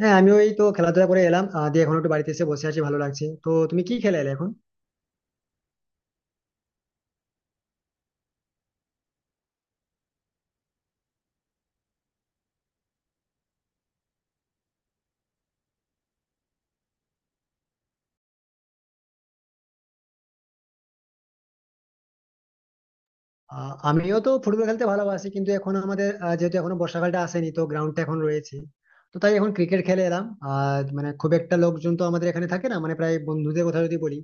হ্যাঁ, আমি ওই তো খেলাধুলা করে এলাম, দিয়ে এখন একটু বাড়িতে এসে বসে আছি। ভালো লাগছে। তো তুমি কি খেলে এলে এখন? আমিও তো ফুটবল খেলতে ভালোবাসি, কিন্তু এখন আমাদের যেহেতু এখনো বর্ষাকালটা আসেনি তো গ্রাউন্ডটা এখন রয়েছে, তো তাই এখন ক্রিকেট খেলে এলাম। আর মানে খুব একটা লোকজন তো আমাদের এখানে থাকে না, মানে প্রায় বন্ধুদের কথা যদি বলি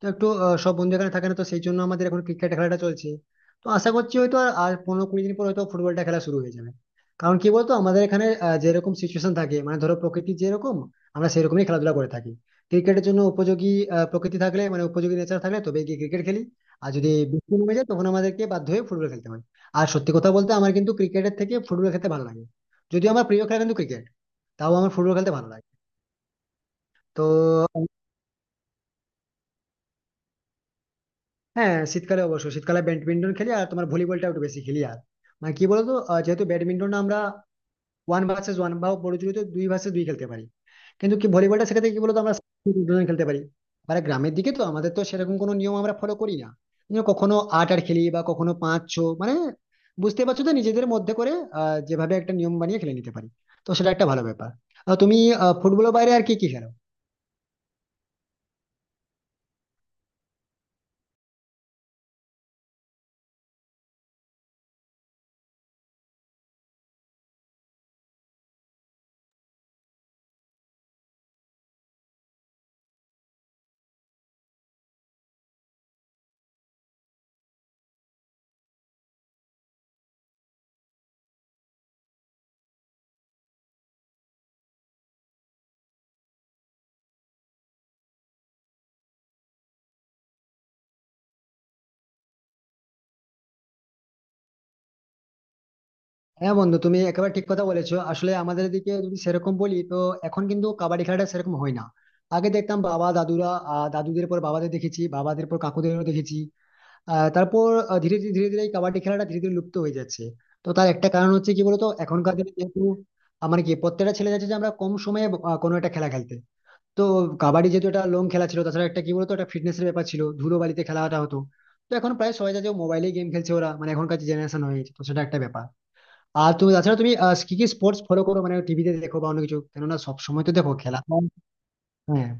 তো একটু, সব বন্ধু এখানে থাকে না, তো সেই জন্য আমাদের এখন ক্রিকেট খেলাটা চলছে। তো আশা করছি হয়তো আর আর 15-20 দিন পর হয়তো ফুটবলটা খেলা শুরু হয়ে যাবে। কারণ কি বলতো, আমাদের এখানে যেরকম সিচুয়েশন থাকে, মানে ধরো প্রকৃতি যেরকম আমরা সেরকমই খেলাধুলা করে থাকি। ক্রিকেটের জন্য উপযোগী প্রকৃতি থাকলে, মানে উপযোগী নেচার থাকলে তবে গিয়ে ক্রিকেট খেলি। আর যদি বৃষ্টি নেমে যায় তখন আমাদেরকে বাধ্য হয়ে ফুটবল খেলতে হয়। আর সত্যি কথা বলতে, আমার কিন্তু ক্রিকেটের থেকে ফুটবল খেলতে ভালো লাগে। যদিও আমার প্রিয় খেলা কিন্তু ক্রিকেট, তাও আমার ফুটবল খেলতে ভালো লাগে। তো হ্যাঁ, শীতকালে অবশ্যই, শীতকালে ব্যাডমিন্টন খেলি আর তোমার ভলিবলটা একটু বেশি খেলি। আর মানে কি বলতো, যেহেতু ব্যাডমিন্টন আমরা ওয়ান ভার্সেস ওয়ান বা পরিচিত দুই ভার্সেস দুই খেলতে পারি, কিন্তু কি ভলিবলটা সেক্ষেত্রে কি বলতো আমরা দুজন খেলতে পারি। মানে গ্রামের দিকে তো আমাদের তো সেরকম কোনো নিয়ম আমরা ফলো করি না, কিন্তু কখনো আট আট খেলি বা কখনো পাঁচ ছ, মানে বুঝতে পারছো তো, নিজেদের মধ্যে করে যেভাবে একটা নিয়ম বানিয়ে খেলে নিতে পারি। তো সেটা একটা ভালো ব্যাপার। তুমি ফুটবলের বাইরে আর কি কি খেলো? হ্যাঁ বন্ধু, তুমি একেবারে ঠিক কথা বলেছো। আসলে আমাদের এদিকে যদি সেরকম বলি, তো এখন কিন্তু কাবাডি খেলাটা সেরকম হয় না। আগে দেখতাম বাবা দাদুরা, দাদুদের পর বাবাদের দেখেছি, বাবাদের পর কাকুদেরও দেখেছি। তারপর ধীরে ধীরে এই কাবাডি খেলাটা ধীরে ধীরে লুপ্ত হয়ে যাচ্ছে। তো তার একটা কারণ হচ্ছে কি বলতো, এখনকার দিনে যেহেতু আমার কি প্রত্যেকটা ছেলে যাচ্ছে যে আমরা কম সময়ে কোনো একটা খেলা খেলতে। তো কাবাডি যেহেতু একটা লং খেলা ছিল, তাছাড়া একটা কি বলতো একটা ফিটনেসের ব্যাপার ছিল, ধুলো বালিতে খেলাটা হতো। তো এখন প্রায় সবাই যাচ্ছে মোবাইলে গেম খেলছে, ওরা মানে এখনকার জেনারেশন হয়ে গেছে, তো সেটা একটা ব্যাপার। আর তুমি তাছাড়া, তুমি কি কি স্পোর্টস ফলো করো? মানে টিভিতে দেখো বা অন্য কিছু, কেননা সব সময় তো দেখো খেলা। হ্যাঁ,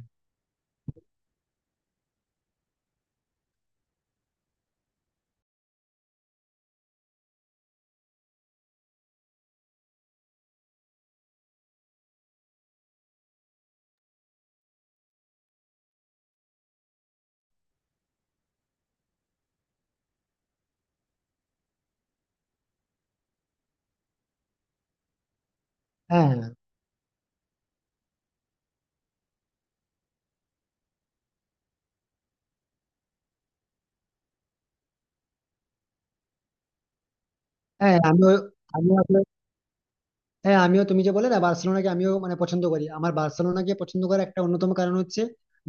হ্যাঁ, হ্যাঁ, হ্যাঁ, আমি আমি, হ্যাঁ, আমিও তুমি যে বলে না বার্সেলোনাকে, আমিও মানে পছন্দ করি। আমার বার্সেলোনাকে পছন্দ করার একটা অন্যতম কারণ হচ্ছে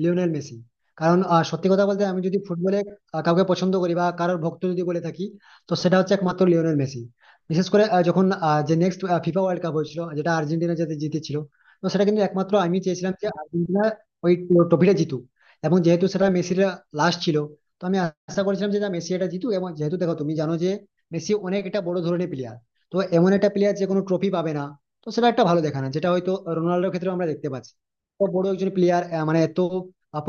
লিওনেল মেসি। কারণ সত্যি কথা বলতে, আমি যদি ফুটবলে কাউকে পছন্দ করি বা কারোর ভক্ত যদি বলে থাকি, তো সেটা হচ্ছে একমাত্র লিওনেল মেসি। বিশেষ করে যখন যে নেক্সট ফিফা ওয়ার্ল্ড কাপ হয়েছিল যেটা আর্জেন্টিনা যাতে জিতেছিল, তো সেটা কিন্তু, একমাত্র আমি চেয়েছিলাম যে আর্জেন্টিনা ওই ট্রফিটা জিতুক। এবং যেহেতু সেটা মেসির লাস্ট ছিল, তো আমি আশা করেছিলাম যে না, মেসি এটা জিতুক। এবং যেহেতু দেখো তুমি জানো যে মেসি অনেক একটা বড় ধরনের প্লেয়ার, তো এমন একটা প্লেয়ার যে কোনো ট্রফি পাবে না তো সেটা একটা ভালো দেখা না, যেটা হয়তো রোনাল্ডোর ক্ষেত্রে আমরা দেখতে পাচ্ছি। এত বড় একজন প্লেয়ার, মানে এত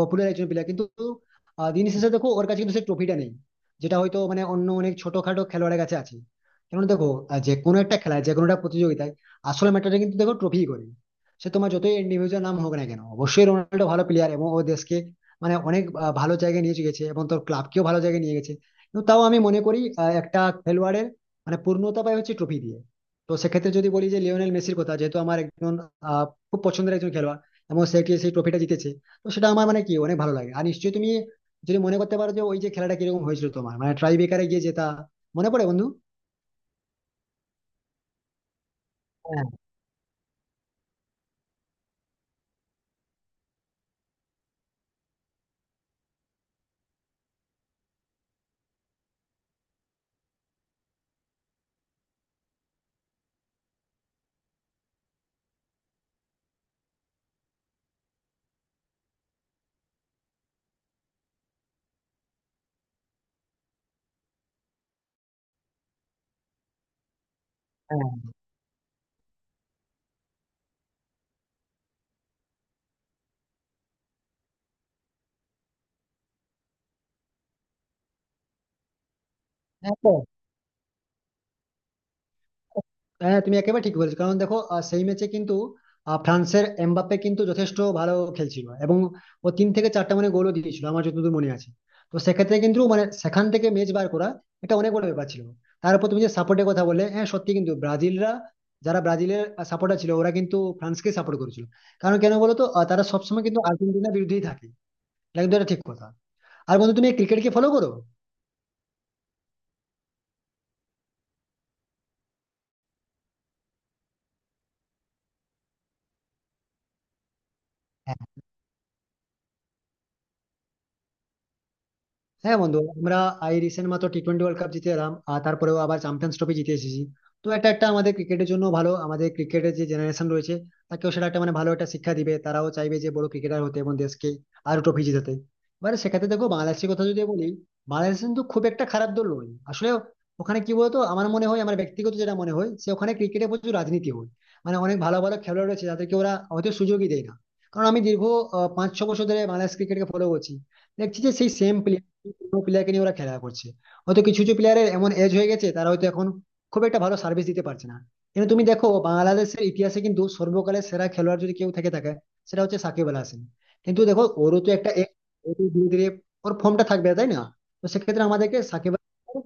পপুলার একজন প্লেয়ার, কিন্তু দিন শেষে দেখো ওর কাছে কিন্তু সেই ট্রফিটা নেই, যেটা হয়তো মানে অন্য অনেক ছোটখাটো খেলোয়াড়ের কাছে আছে। কেন দেখো, যে কোনো একটা খেলায়, যে কোনো একটা প্রতিযোগিতায় আসল ম্যাটারটা কিন্তু দেখো ট্রফি করে। সে তোমার যতই ইন্ডিভিজুয়াল নাম হোক না কেন, অবশ্যই রোনাল্ডো ভালো প্লেয়ার এবং ও দেশকে মানে অনেক ভালো জায়গায় নিয়ে গেছে এবং তোর ক্লাবকেও ভালো জায়গায় নিয়ে গেছে। কিন্তু তাও আমি মনে করি একটা খেলোয়াড়ের মানে পূর্ণতা পায় হচ্ছে ট্রফি দিয়ে। তো সেক্ষেত্রে যদি বলি যে লিওনেল মেসির কথা, যেহেতু আমার একজন আহ, খুব পছন্দের একজন খেলোয়াড় এবং সে সেই ট্রফিটা জিতেছে, তো সেটা আমার মানে কি অনেক ভালো লাগে। আর নিশ্চয়ই তুমি যদি মনে করতে পারো যে ওই যে খেলাটা কিরকম হয়েছিল তোমার, মানে ট্রাই বেকারে গিয়ে জেতা, মনে পড়ে বন্ধু? হ্যাঁ, হ্যাঁ, হ্যাঁ। তো হ্যাঁ, তুমি একেবারে ঠিক বলেছো। কারণ দেখো, সেই ম্যাচে কিন্তু ফ্রান্সের এমবাপ্পে কিন্তু যথেষ্ট ভালো খেলছিল এবং ও তিন থেকে চারটা মানে গোলও দিয়েছিল আমার যতদূর মনে আছে। তো সেক্ষেত্রে কিন্তু, মানে সেখান থেকে ম্যাচ বার করা, এটা অনেক বড় ব্যাপার ছিল। তারপর তুমি যে সাপোর্টের কথা বললে, হ্যাঁ সত্যি, কিন্তু ব্রাজিলরা, যারা ব্রাজিলের সাপোর্টার ছিল, ওরা কিন্তু ফ্রান্সকে সাপোর্ট করেছিল। কারণ কেন বলো তো, তারা সবসময় কিন্তু আর্জেন্টিনার বিরুদ্ধেই থাকে, এটা কিন্তু, এটা ঠিক কথা। আর বন্ধু তুমি ক্রিকেট কি ফলো করো? হ্যাঁ বন্ধু, আমরা এই রিসেন্ট মাত্র টি টোয়েন্টি ওয়ার্ল্ড কাপ জিতে এলাম আর তারপরেও আবার চ্যাম্পিয়ন্স ট্রফি জিতে এসেছি। তো এটা একটা আমাদের ক্রিকেটের জন্য ভালো, আমাদের ক্রিকেটের যে জেনারেশন রয়েছে তাকেও সেটা একটা মানে ভালো একটা শিক্ষা দিবে, তারাও চাইবে যে বড় ক্রিকেটার হতে এবং দেশকে আরো ট্রফি জেতাতে। এবারে সেক্ষেত্রে দেখো বাংলাদেশের কথা যদি বলি, বাংলাদেশ কিন্তু খুব একটা খারাপ দল নয় আসলে। ওখানে কি বলতো, আমার মনে হয়, আমার ব্যক্তিগত যেটা মনে হয় যে ওখানে ক্রিকেটে প্রচুর রাজনীতি হয়, মানে অনেক ভালো ভালো খেলোয়াড় রয়েছে যাদেরকে ওরা হয়তো সুযোগই দেয় না। কারণ আমি দীর্ঘ 5-6 বছর ধরে বাংলাদেশ ক্রিকেটকে ফলো করছি, দেখছি যে সেই সেম কোনো প্লেয়ারকে নিয়ে ওরা খেলা করছে। হয়তো কিছু কিছু প্লেয়ারের এমন এজ হয়ে গেছে, তারা হয়তো এখন খুব একটা ভালো সার্ভিস দিতে পারছে না। কিন্তু তুমি দেখো বাংলাদেশের ইতিহাসে কিন্তু সর্বকালের সেরা খেলোয়াড় যদি কেউ থেকে থাকে সেটা হচ্ছে সাকিব আল হাসান। কিন্তু দেখো ওরও তো একটা age, ও তো ধীরে ধীরে ওর ফর্মটা থাকবে তাই না। তো সেক্ষেত্রে আমাদেরকে সাকিব আল হাসান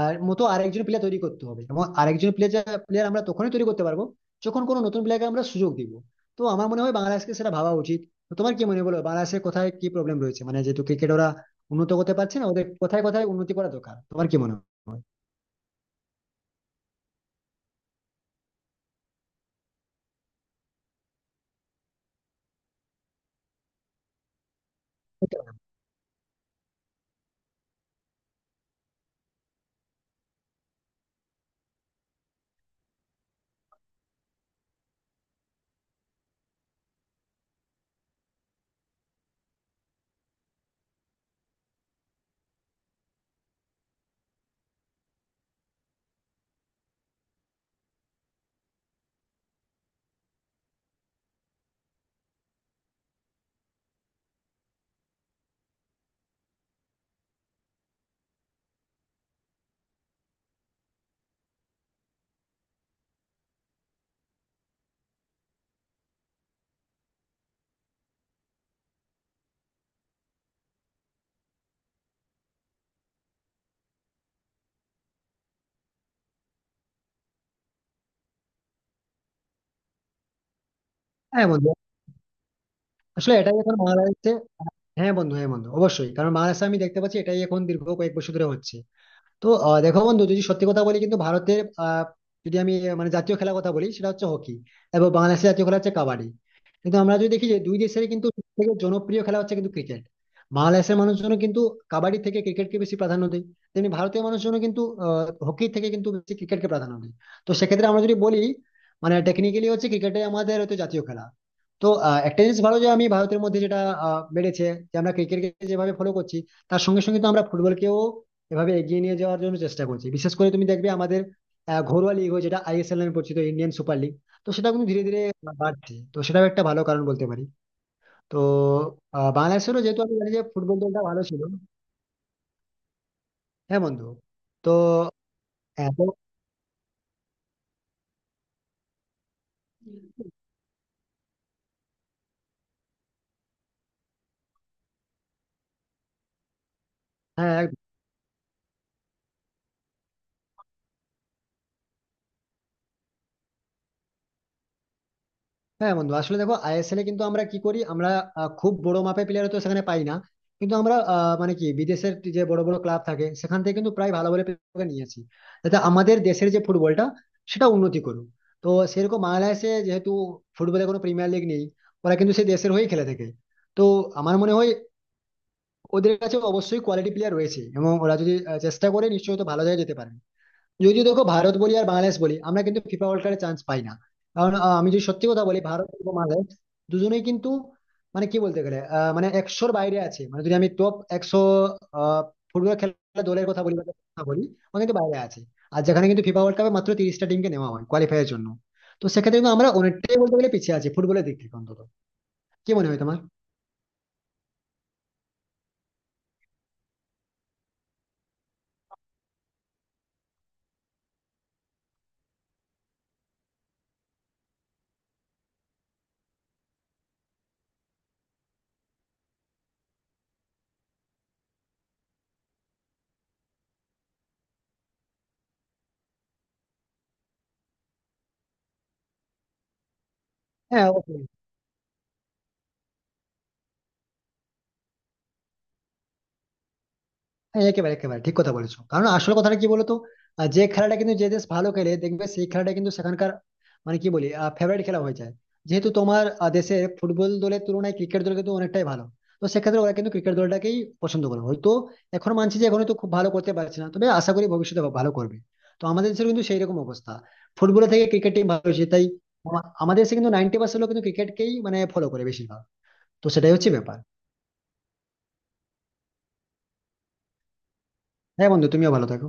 আর মতো আরেকজন প্লেয়ার তৈরি করতে হবে, এবং আরেকজন প্লেয়ার, আমরা তখনই তৈরি করতে পারবো যখন কোনো নতুন প্লেয়ারকে আমরা সুযোগ দিব। তো আমার মনে হয় বাংলাদেশকে সেটা ভাবা উচিত। তো তোমার কি মনে হয় বলো, বাংলাদেশের কোথায় কি প্রবলেম রয়েছে, মানে যেহেতু ক্রিকেট ওরা উন্নত করতে পারছে না, ওদের কোথায় কোথায় উন্নতি করা দরকার তোমার কি মনে হয়? বুঝতে পারলাম। হ্যাঁ বন্ধু, আসলে এটাই এখন মহারাষ্ট্রে। হ্যাঁ বন্ধু, হ্যাঁ বন্ধু, অবশ্যই, কারণ মহারাষ্ট্রে আমি দেখতে পাচ্ছি এটাই এখন দীর্ঘ কয়েক বছর ধরে হচ্ছে। তো দেখো বন্ধু, যদি সত্যি কথা বলি কিন্তু ভারতের যদি আমি মানে জাতীয় খেলার কথা বলি সেটা হচ্ছে হকি, এবং বাংলাদেশের জাতীয় খেলা হচ্ছে কাবাডি। কিন্তু আমরা যদি দেখি যে দুই দেশের কিন্তু সবথেকে জনপ্রিয় খেলা হচ্ছে কিন্তু ক্রিকেট। বাংলাদেশের মানুষজন কিন্তু কাবাডি থেকে ক্রিকেটকে বেশি প্রাধান্য দেয়, তেমনি ভারতীয় মানুষজন কিন্তু হকি থেকে কিন্তু বেশি ক্রিকেটকে প্রাধান্য দেয়। তো সেক্ষেত্রে আমরা যদি বলি, মানে টেকনিক্যালি হচ্ছে ক্রিকেটে আমাদের হয়তো জাতীয় খেলা। তো একটা জিনিস ভালো যে আমি ভারতের মধ্যে যেটা বেড়েছে, যে আমরা ক্রিকেটকে যেভাবে ফলো করছি তার সঙ্গে সঙ্গে তো আমরা ফুটবলকেও এভাবে এগিয়ে নিয়ে যাওয়ার জন্য চেষ্টা করছে, বিশেষ করে তুমি দেখবে আমাদের ঘরোয়া লিগ হয় যেটা আইএসএল নামে পরিচিত, ইন্ডিয়ান সুপার লিগ। তো সেটা কিন্তু ধীরে ধীরে বাড়ছে, তো সেটাও একটা ভালো কারণ বলতে পারি। তো বাংলাদেশেরও যেহেতু আমি জানি যে ফুটবল দলটা ভালো ছিল। হ্যাঁ বন্ধু, তো হ্যাঁ, হ্যাঁ, হ্যাঁ বন্ধু, আসলে দেখো আইএসএল এ কিন্তু আমরা কি করি, আমরা খুব বড় মাপের প্লেয়ার তো সেখানে পাই না, কিন্তু আমরা মানে কি বিদেশের যে বড় বড় ক্লাব থাকে সেখান থেকে কিন্তু প্রায় ভালো ভালো প্লেয়ারকে নিয়ে আসি, যাতে আমাদের দেশের যে ফুটবলটা সেটা উন্নতি করুক। তো সেরকম বাংলাদেশে যেহেতু ফুটবলে কোনো প্রিমিয়ার লিগ নেই, ওরা কিন্তু সেই দেশের হয়েই খেলে থাকে। তো আমার মনে হয় ওদের কাছে অবশ্যই কোয়ালিটি প্লেয়ার রয়েছে এবং ওরা যদি চেষ্টা করে নিশ্চয়ই তো ভালো জায়গায় যেতে পারে। যদিও দেখো, ভারত বলি আর বাংলাদেশ বলি, আমরা কিন্তু ফিফা ওয়ার্ল্ড কাপে চান্স পাই না। কারণ আমি যদি সত্যি কথা বলি, ভারত এবং বাংলাদেশ দুজনেই কিন্তু মানে কি বলতে গেলে মানে একশোর বাইরে আছে, মানে যদি আমি টপ 100 আহ, ফুটবল খেলা দলের কথা বলি, বা দলের কথা বলি, ওরা কিন্তু বাইরে আছে। আর যেখানে কিন্তু ফিফা ওয়ার্ল্ড কাপে মাত্র 30টা টিমকে নেওয়া হয় কোয়ালিফাই এর জন্য, তো সেক্ষেত্রে কিন্তু আমরা অনেকটাই বলতে গেলে পিছিয়ে আছি ফুটবলের দিক থেকে অন্তত। কি মনে হয় তোমার? হ্যাঁ অবশ্যই, হ্যাঁ, একেবারে একেবারে ঠিক কথা বলেছো। কারণ আসল কথাটা কি বলতো, যে খেলাটা কিন্তু যে দেশ ভালো খেলে দেখবে সেই খেলাটা কিন্তু সেখানকার, মানে কি বলি, ফেভারিট খেলা হয়ে যায়। যেহেতু তোমার দেশে ফুটবল দলের তুলনায় ক্রিকেট দল কিন্তু অনেকটাই ভালো, তো সেক্ষেত্রে ওরা কিন্তু ক্রিকেট দলটাকেই পছন্দ করে হয়তো। এখন মানছি যে এখনো তো খুব ভালো করতে পারছে না, তবে আশা করি ভবিষ্যতে ভালো করবে। তো আমাদের দেশের কিন্তু সেই রকম অবস্থা, ফুটবল থেকে ক্রিকেট টিম ভালো হয়েছে, তাই আমাদের দেশে কিন্তু 90% লোক কিন্তু ক্রিকেটকেই মানে ফলো করে বেশিরভাগ। তো সেটাই হচ্ছে ব্যাপার। হ্যাঁ বন্ধু, তুমিও ভালো থাকো।